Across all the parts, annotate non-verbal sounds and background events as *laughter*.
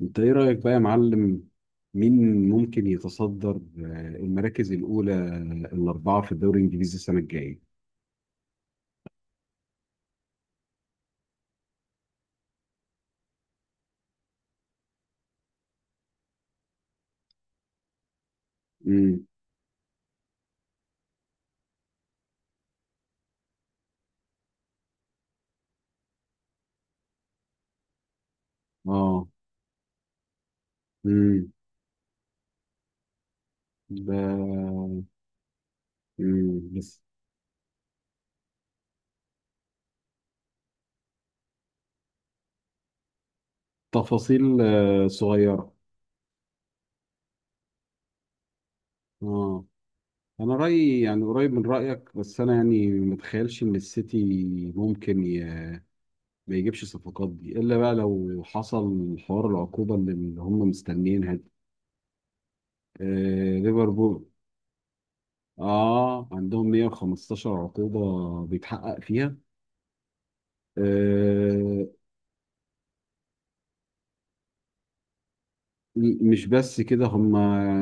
انت ايه رأيك بقى يا معلم؟ مين ممكن يتصدر المراكز الأولى، الأربعة في الدوري الإنجليزي السنة الجاية؟ امم اه امم ده بس تفاصيل صغيرة. اه أنا رأيي يعني قريب من رأيك، بس أنا يعني متخيلش إن السيتي ممكن ما يجيبش الصفقات دي إلا بقى لو حصل حوار العقوبة اللي هم مستنيينها دي. آه، ليفربول. اه عندهم 115 عقوبة بيتحقق فيها. آه، مش بس كده هم،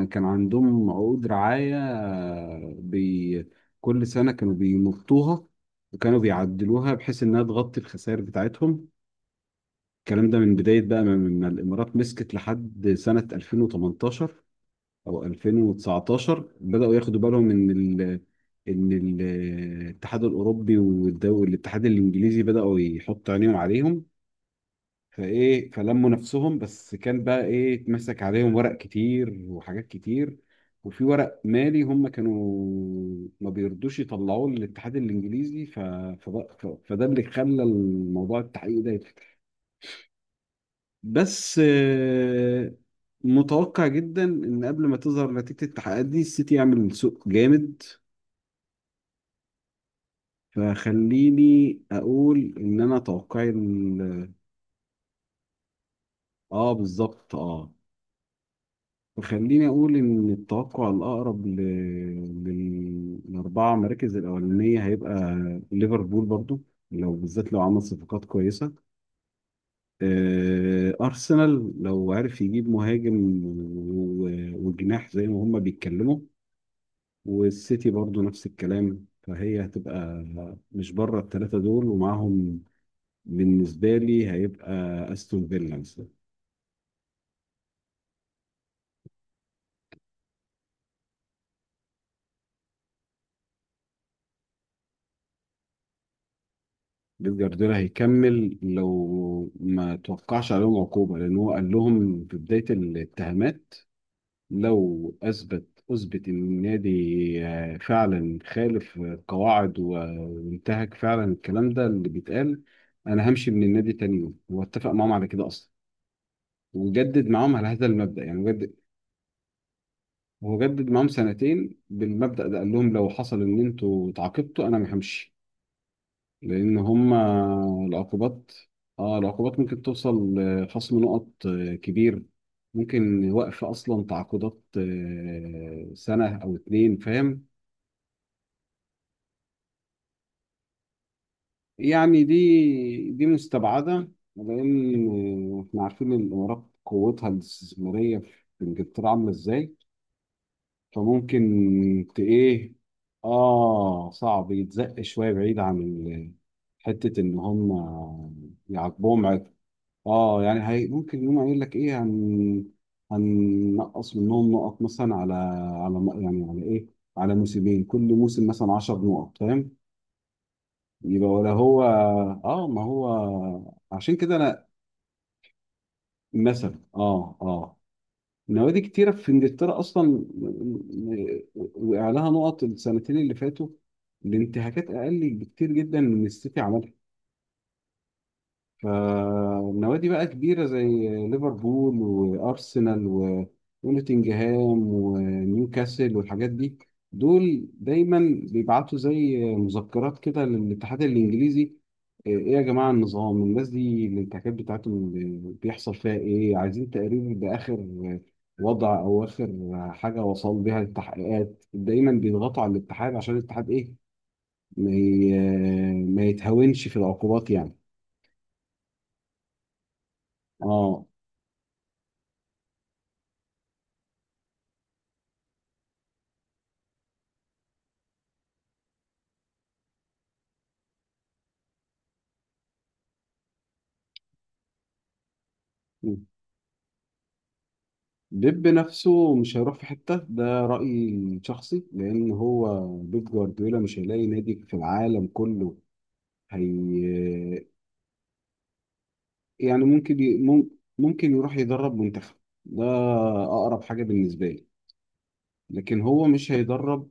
كان عندهم عقود رعاية، بي كل سنة كانوا بيمطوها وكانوا بيعدلوها بحيث انها تغطي الخسائر بتاعتهم. الكلام ده من بداية بقى ما الامارات مسكت لحد سنة 2018 او 2019. بدأوا ياخدوا بالهم ان الاتحاد الاوروبي والدول الاتحاد الانجليزي بداوا يحط عينيهم عليهم، فايه فلموا نفسهم، بس كان بقى ايه، اتمسك عليهم ورق كتير وحاجات كتير. وفي ورق مالي هم كانوا ما بيرضوش يطلعوه للاتحاد الانجليزي، ف... ف... ف... فده اللي خلى الموضوع التحقيق ده يتفتح. بس متوقع جدا ان قبل ما تظهر نتيجة التحقيقات دي السيتي يعمل سوق جامد. فخليني اقول ان انا توقعي اه بالظبط اه. خليني أقول إن التوقع الأقرب للأربعة مراكز الأولانية هيبقى ليفربول برضو، لو بالذات لو عمل صفقات كويسة. أرسنال لو عرف يجيب مهاجم وجناح زي ما هما بيتكلموا. والسيتي برضو نفس الكلام، فهي هتبقى مش بره الثلاثة دول. ومعاهم بالنسبة لي هيبقى أستون فيلا مثلا. بيب جوارديولا هيكمل لو ما توقعش عليهم عقوبة، لأن هو قال لهم في بداية الاتهامات: لو أثبت إن النادي فعلا خالف القواعد وانتهك فعلا الكلام ده اللي بيتقال، أنا همشي من النادي تاني يوم. هو اتفق معاهم على كده أصلا، وجدد معاهم على هذا المبدأ. يعني جدد، هو جدد معاهم سنتين بالمبدأ ده. قال لهم لو حصل إن أنتوا اتعاقبتوا أنا ما همشي، لأن هما العقوبات، اه العقوبات ممكن توصل لخصم نقط كبير، ممكن وقف أصلا تعاقدات سنة أو اتنين، فاهم؟ يعني دي مستبعدة، لأن احنا عارفين إن الإمارات قوتها الاستثمارية في إنجلترا عاملة إزاي. فممكن ت إيه، آه صعب يتزق شوية بعيد عن حتة إن هم يعاقبوهم. اه، يعني هي ممكن يقوم قايل لك ايه، هن هننقص منهم نقط مثلا على يعني على ايه، على موسمين كل موسم مثلا 10 نقط، فاهم؟ يبقى ولا هو، اه، ما هو عشان كده انا مثلا. اه اه، نوادي كتيره في انجلترا اصلا وقع لها نقط السنتين اللي فاتوا لانتهاكات اقل بكتير جدا من السيتي عملها. فالنوادي بقى كبيرة زي ليفربول وأرسنال ونوتنجهام ونيوكاسل والحاجات دي، دول دايما بيبعتوا زي مذكرات كده للاتحاد الإنجليزي: إيه يا جماعة النظام، الناس دي الانتهاكات بتاعتهم بيحصل فيها إيه، عايزين تقرير بآخر وضع أو آخر حاجة وصل بيها التحقيقات. دايما بيضغطوا على الاتحاد عشان الاتحاد إيه، ما يتهاونش في العقوبات يعني. اه. بيب نفسه مش هيروح في حتة، ده رأيي شخصي، لأن هو بيب جوارديولا مش هيلاقي نادي في العالم كله. هي يعني ممكن ممكن يروح يدرب منتخب، ده أقرب حاجة بالنسبة لي. لكن هو مش هيدرب.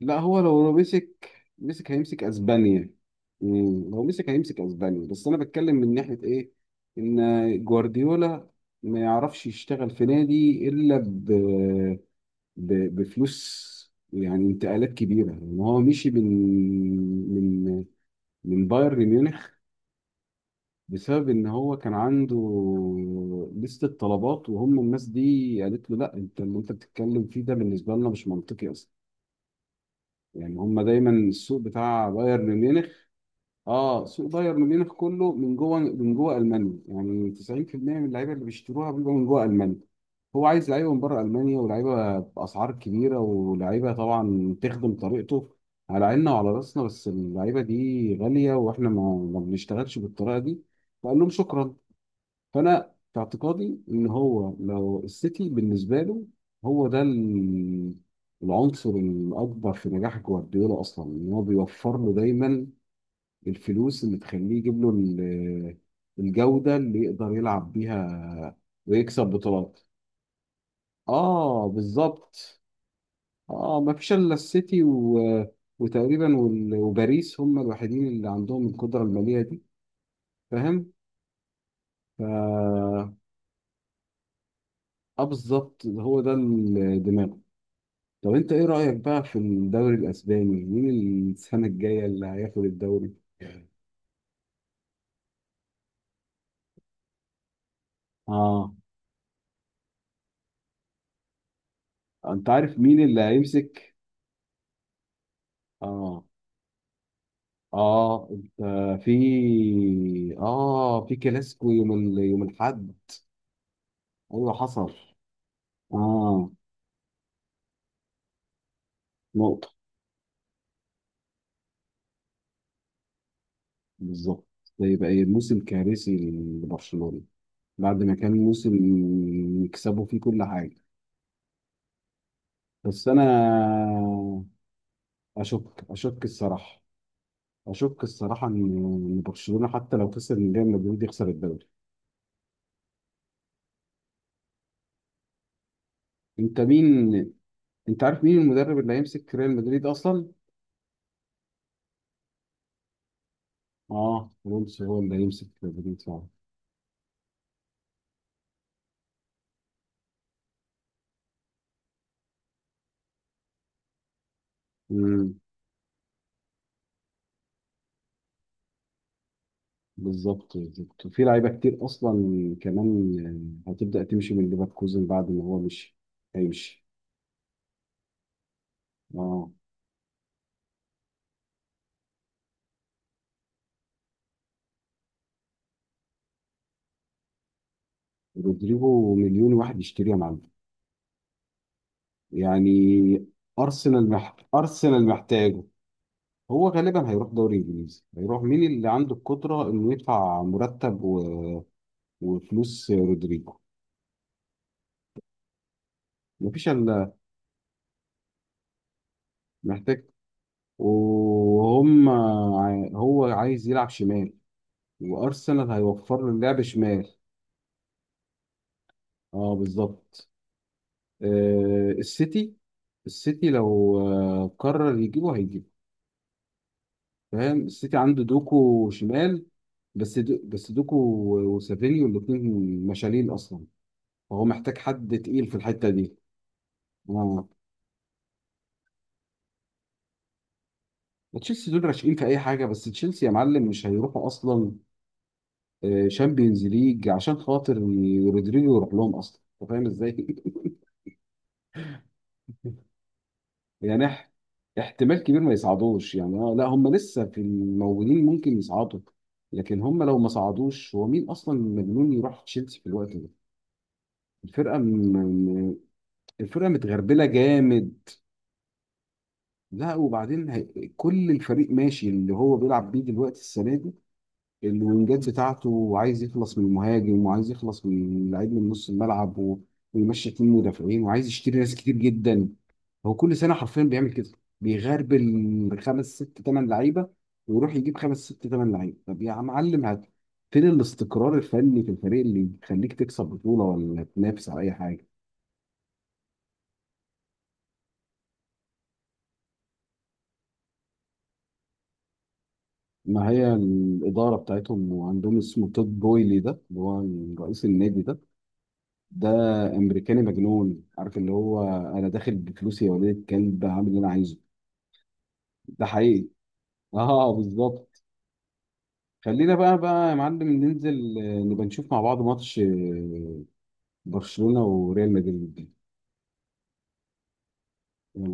لا هو، لو لو مسك مسك هيمسك أسبانيا. مم، لو مسك هيمسك أسبانيا. بس أنا بتكلم من ناحية إيه، إن جوارديولا ما يعرفش يشتغل في نادي إلا بفلوس، يعني انتقالات كبيره. ان هو مشي من من بايرن ميونخ بسبب ان هو كان عنده لستة طلبات، وهم الناس دي قالت له لا، انت اللي انت بتتكلم فيه ده بالنسبه لنا مش منطقي اصلا. يعني هم دايما السوق بتاع بايرن ميونخ، اه، سوق بايرن ميونخ كله من جوه، من جوه المانيا. يعني 90% من اللعيبه اللي بيشتروها بيبقى من جوه المانيا. هو عايز لعيبه من بره المانيا، ولعيبه باسعار كبيره، ولعيبه طبعا تخدم طريقته. على عيننا وعلى راسنا، بس اللعيبه دي غاليه واحنا ما بنشتغلش بالطريقه دي. فقال لهم شكرا. فانا في اعتقادي ان هو لو السيتي بالنسبه له، هو ده العنصر الاكبر في نجاح جوارديولا اصلا، ان هو بيوفر له دايما الفلوس اللي تخليه يجيب له الجودة اللي يقدر يلعب بيها ويكسب بطولات. اه بالظبط. اه ما فيش الا السيتي وتقريبا وباريس، هم الوحيدين اللي عندهم القدرة المالية دي، فاهم؟ ف اه بالظبط، هو ده الدماغ. طب انت ايه رأيك بقى في الدوري الاسباني، مين السنة الجاية اللي هياخد الدوري؟ اه. انت عارف مين اللي هيمسك؟ اه. اه انت. في، اه في كلاسيكو يوم يوم الاحد. ايوه، حصل. اه. نقطة. بالظبط. ده يبقى ايه، موسم كارثي لبرشلونة، بعد ما كان موسم يكسبوا فيه كل حاجة. بس انا اشك، اشك الصراحة، اشك الصراحة ان، إن برشلونة حتى لو خسر من ريال مدريد يخسر الدوري. انت مين، انت عارف مين المدرب اللي هيمسك ريال مدريد اصلا؟ اه الونسو هو اللي هيمسك ريال مدريد. فعلا. بالظبط بالظبط. وفي لعيبه كتير اصلا كمان هتبدا تمشي من ليفركوزن بعد ما هو مشي، هيمشي. اه. رودريجو مليون واحد يشتريه يا معلم، يعني ارسنال محتاجه. هو غالبا هيروح دوري انجليزي، هيروح مين اللي عنده القدره انه يدفع مرتب وفلوس رودريجو. مفيش الا. محتاج. وهم، هو عايز يلعب شمال، وارسنال هيوفر له اللعب شمال. اه بالظبط. السيتي، السيتي لو قرر يجيبه هيجيبه، فاهم؟ السيتي عنده دوكو شمال، بس دو بس دوكو وسافينيو الاثنين مشالين اصلا، فهو محتاج حد تقيل في الحته دي. اه. تشيلسي دول راشقين في اي حاجه، بس تشيلسي يا معلم مش هيروحوا اصلا شامبيونز ليج عشان خاطر رودريجو يروح لهم اصلا، انت فاهم ازاي؟ *laughs* يعني احتمال كبير ما يصعدوش يعني، لا هم لسه في الموجودين ممكن يصعدوا، لكن هم لو ما صعدوش هو مين اصلا مجنون يروح تشيلسي في الوقت ده. الفرقه م... م- الفرقه متغربله جامد. لا وبعدين هي... كل الفريق ماشي اللي هو بيلعب بيه دلوقتي السنه دي، الوينجات بتاعته، وعايز يخلص من المهاجم، وعايز يخلص من لعيب من نص الملعب ويمشي اتنين مدافعين، وعايز يشتري ناس كتير جدا. هو كل سنه حرفيا بيعمل كده، بيغربل خمس ست ثمان لعيبه، ويروح يجيب خمس ست ثمان لعيبه. طب يا معلم هات فين الاستقرار الفني في الفريق اللي يخليك تكسب بطوله ولا تنافس على اي حاجه؟ ما هي الاداره بتاعتهم، وعندهم اسمه تود بويلي ده اللي هو رئيس النادي ده، ده امريكاني مجنون، عارف اللي هو، انا داخل بفلوسي يا ولاد الكلب هعمل اللي انا عايزه. ده حقيقي. اه بالظبط. خلينا بقى يا معلم ننزل، نبقى نشوف مع بعض ماتش برشلونة وريال مدريد.